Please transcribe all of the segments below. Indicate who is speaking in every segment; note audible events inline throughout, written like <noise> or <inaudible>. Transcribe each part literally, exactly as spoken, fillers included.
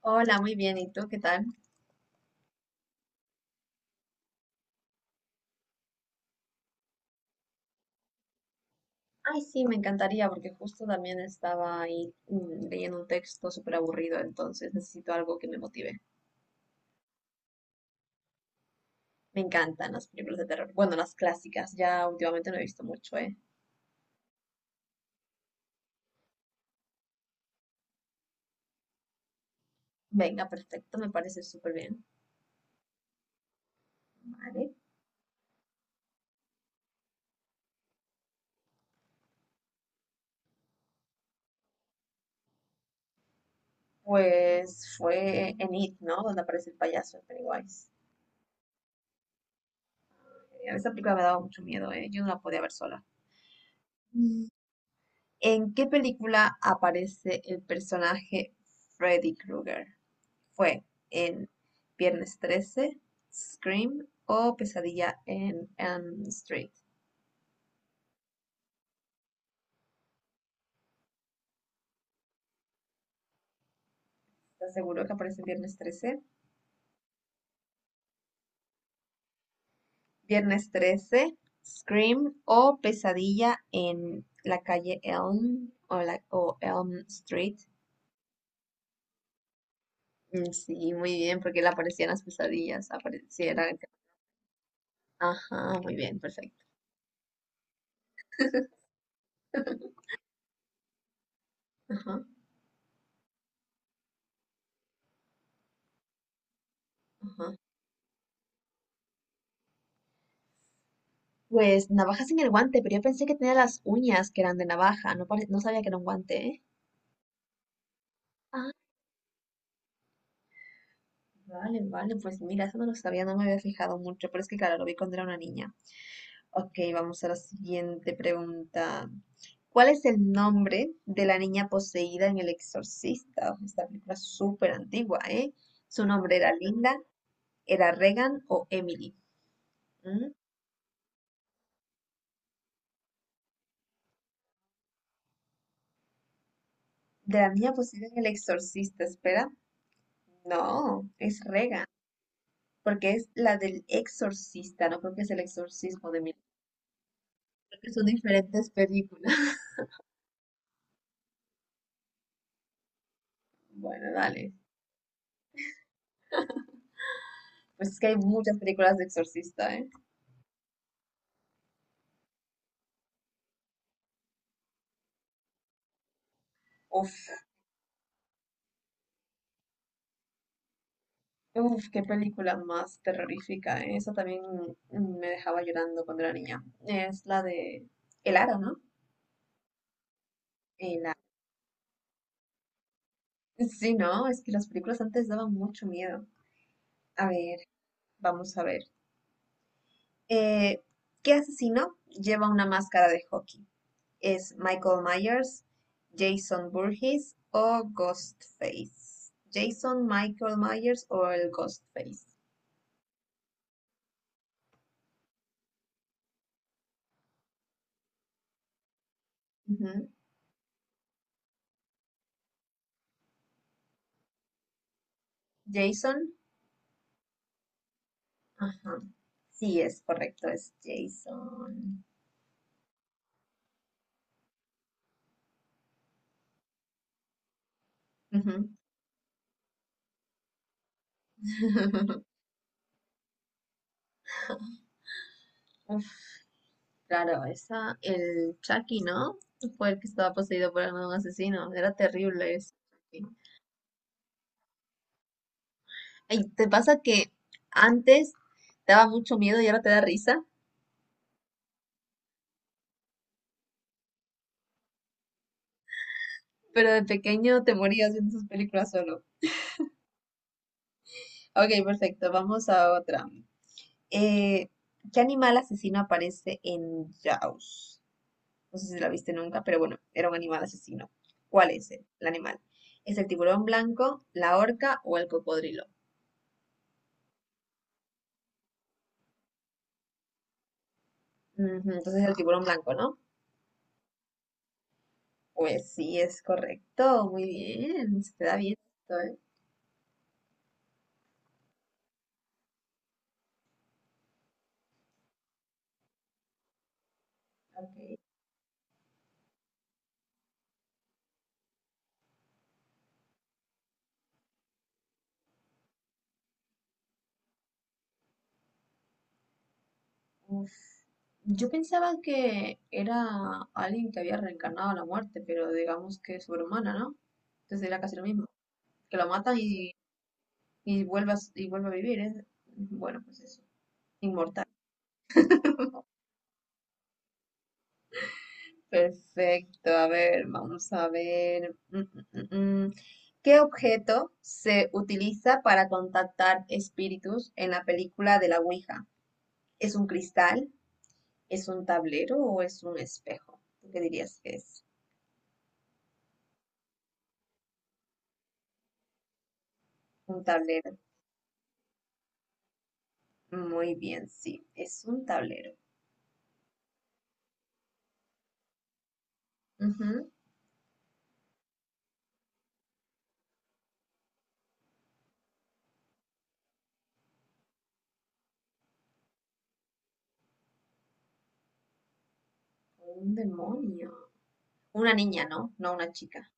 Speaker 1: Hola, muy bien. ¿Y tú qué tal? Ay, sí, me encantaría porque justo también estaba ahí mm, leyendo un texto súper aburrido, entonces necesito algo que me motive. Me encantan las películas de terror. Bueno, las clásicas, ya últimamente no he visto mucho, ¿eh? Venga, perfecto, me parece súper bien. Vale. Pues fue en It, ¿no? Donde aparece el payaso, el Pennywise. Eh, Esa película me daba mucho miedo, ¿eh? Yo no la podía ver sola. Mm. ¿En qué película aparece el personaje Freddy Krueger? Fue en "Viernes Trece", "Scream" o "Pesadilla en Elm Street". ¿Estás seguro que aparece en Viernes trece? Viernes trece, Scream o Pesadilla en la calle Elm o, la- o Elm Street. Mm, sí, muy bien, porque le aparecían las pesadillas, apareciera. Ajá, muy bien, perfecto. <laughs> Ajá, ajá. Pues navajas en el guante, pero yo pensé que tenía las uñas que eran de navaja, no, pare- no sabía que era un guante, ¿eh? Vale, vale, pues mira, eso no lo sabía, no me había fijado mucho, pero es que claro, lo vi cuando era una niña. Ok, vamos a la siguiente pregunta. ¿Cuál es el nombre de la niña poseída en El Exorcista? Esta película es súper antigua, ¿eh? ¿Su nombre era Linda, era Regan o Emily? ¿Mm? De la niña poseída en El Exorcista, espera. No, es Regan, porque es la del Exorcista, no creo que es el exorcismo de Emily, creo que son diferentes películas. <laughs> Bueno, dale. Pues es que hay muchas películas de Exorcista, ¿eh? Uf, uf, qué película más terrorífica, ¿eh? Esa también me dejaba llorando cuando era niña. Es la de El Aro, ¿no? El Aro. Sí, no, es que las películas antes daban mucho miedo. A ver, vamos a ver. Eh, ¿Qué asesino lleva una máscara de hockey? ¿Es Michael Myers, Jason Voorhees o Ghostface? Jason, Michael Myers o el Ghostface. Ujú. Jason, ajá. Sí, es correcto, es Jason. Ujú. <laughs> Uf, claro, esa, el Chucky, ¿no? Fue el que estaba poseído por un asesino. Era terrible eso. Ay, ¿te pasa que antes te daba mucho miedo y ahora te da risa? Pero de pequeño te morías viendo sus películas solo. Ok, perfecto, vamos a otra. Eh, ¿Qué animal asesino aparece en Jaws? No sé si la viste nunca, pero bueno, era un animal asesino. ¿Cuál es el, el animal? ¿Es el tiburón blanco, la orca o el cocodrilo? Ujú, entonces el tiburón blanco, ¿no? Pues sí, es correcto. Muy bien. Se te da bien esto, ¿eh? Ok. Uf. Yo pensaba que era alguien que había reencarnado a la muerte, pero digamos que es sobrehumana, ¿no? Entonces era casi lo mismo. Que lo matan y, y vuelve a, s- y vuelve a vivir, ¿eh? Bueno, pues eso. Inmortal. <laughs> Perfecto, a ver, vamos a ver. Mm, mm, mm, mm. ¿Qué objeto se utiliza para contactar espíritus en la película de la Ouija? ¿Es un cristal? ¿Es un tablero o es un espejo? ¿Tú qué dirías que es? Un tablero. Muy bien, sí, es un tablero. Ujú. Un demonio. Una niña, ¿no? No una chica.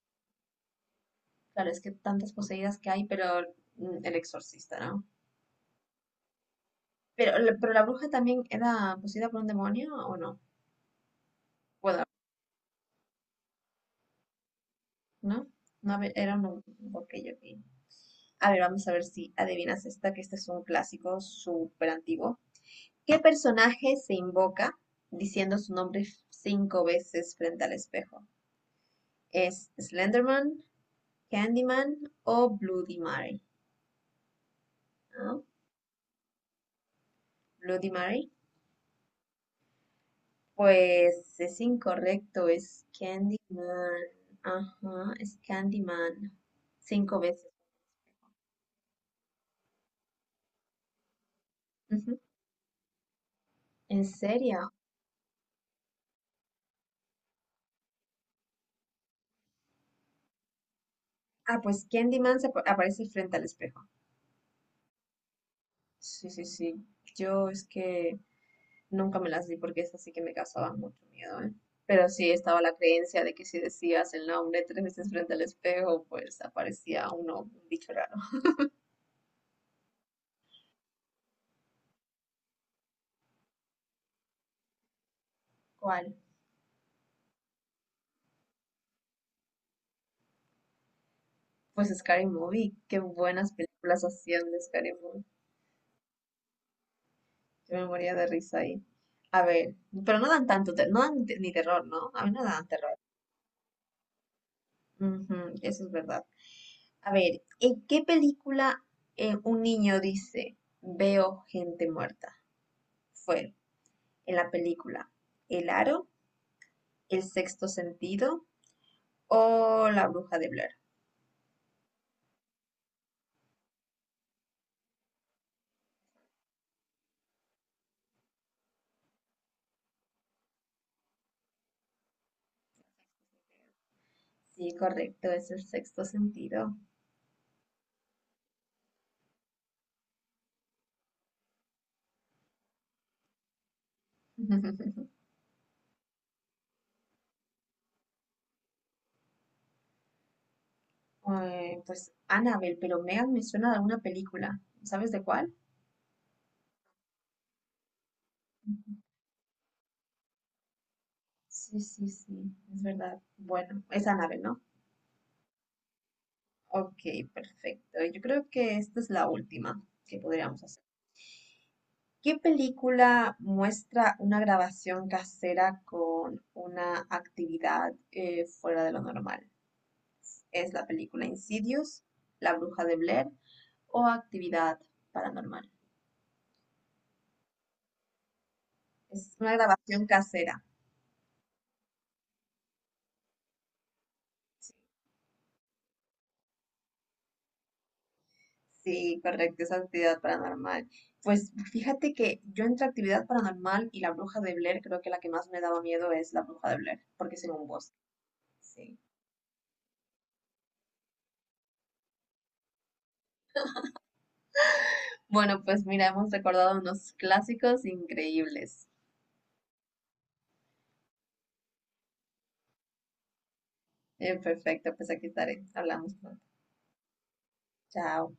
Speaker 1: Claro, es que tantas poseídas que hay, pero mm, el exorcista, ¿no? Pero, pero la bruja también era poseída por un demonio, ¿o no? Guadalajara, ¿no? No, a ver, era un... Ok, ok. A ver, vamos a ver si adivinas esta, que este es un clásico súper antiguo. ¿Qué personaje se invoca diciendo su nombre cinco veces frente al espejo? ¿Es Slenderman, Candyman o Bloody Mary? ¿No? Bloody Mary. Pues es incorrecto, es Candyman. Ajá, es Candyman. Cinco veces. Ujú. ¿En serio? Ah, pues Candyman se apa- aparece frente al espejo. Sí, sí, sí. Yo es que nunca me las di porque esas sí que me causaban mucho miedo, ¿eh? Pero sí estaba la creencia de que si decías el nombre tres veces frente al espejo, pues aparecía uno, un bicho raro. ¿Cuál? Pues Scary Movie. Qué buenas películas hacían de Scary Movie. Yo me moría de risa ahí. A ver, pero no dan tanto, te- no dan te- ni terror, ¿no? A mí no dan terror. Ujú, eso es verdad. A ver, ¿en qué película eh, un niño dice, veo gente muerta? Fue en la película El Aro, El Sexto Sentido o La Bruja de Blair. Sí, correcto, es el sexto sentido. <laughs> Eh, pues Annabelle, pero Megan me suena de alguna película. ¿Sabes de cuál? Ujú. Sí, sí, sí, es verdad. Bueno, es Annabelle, ¿no? Ok, perfecto. Yo creo que esta es la última que podríamos hacer. ¿Qué película muestra una grabación casera con una actividad eh, fuera de lo normal? Es la película Insidious, La Bruja de Blair o Actividad Paranormal. Es una grabación casera. Sí, correcto, es actividad paranormal. Pues fíjate que yo entre actividad paranormal y la bruja de Blair, creo que la que más me daba miedo es la bruja de Blair, porque es en un bosque. Sí. Bueno, pues mira, hemos recordado unos clásicos increíbles. Eh, perfecto, pues aquí estaré. Hablamos pronto. Chao.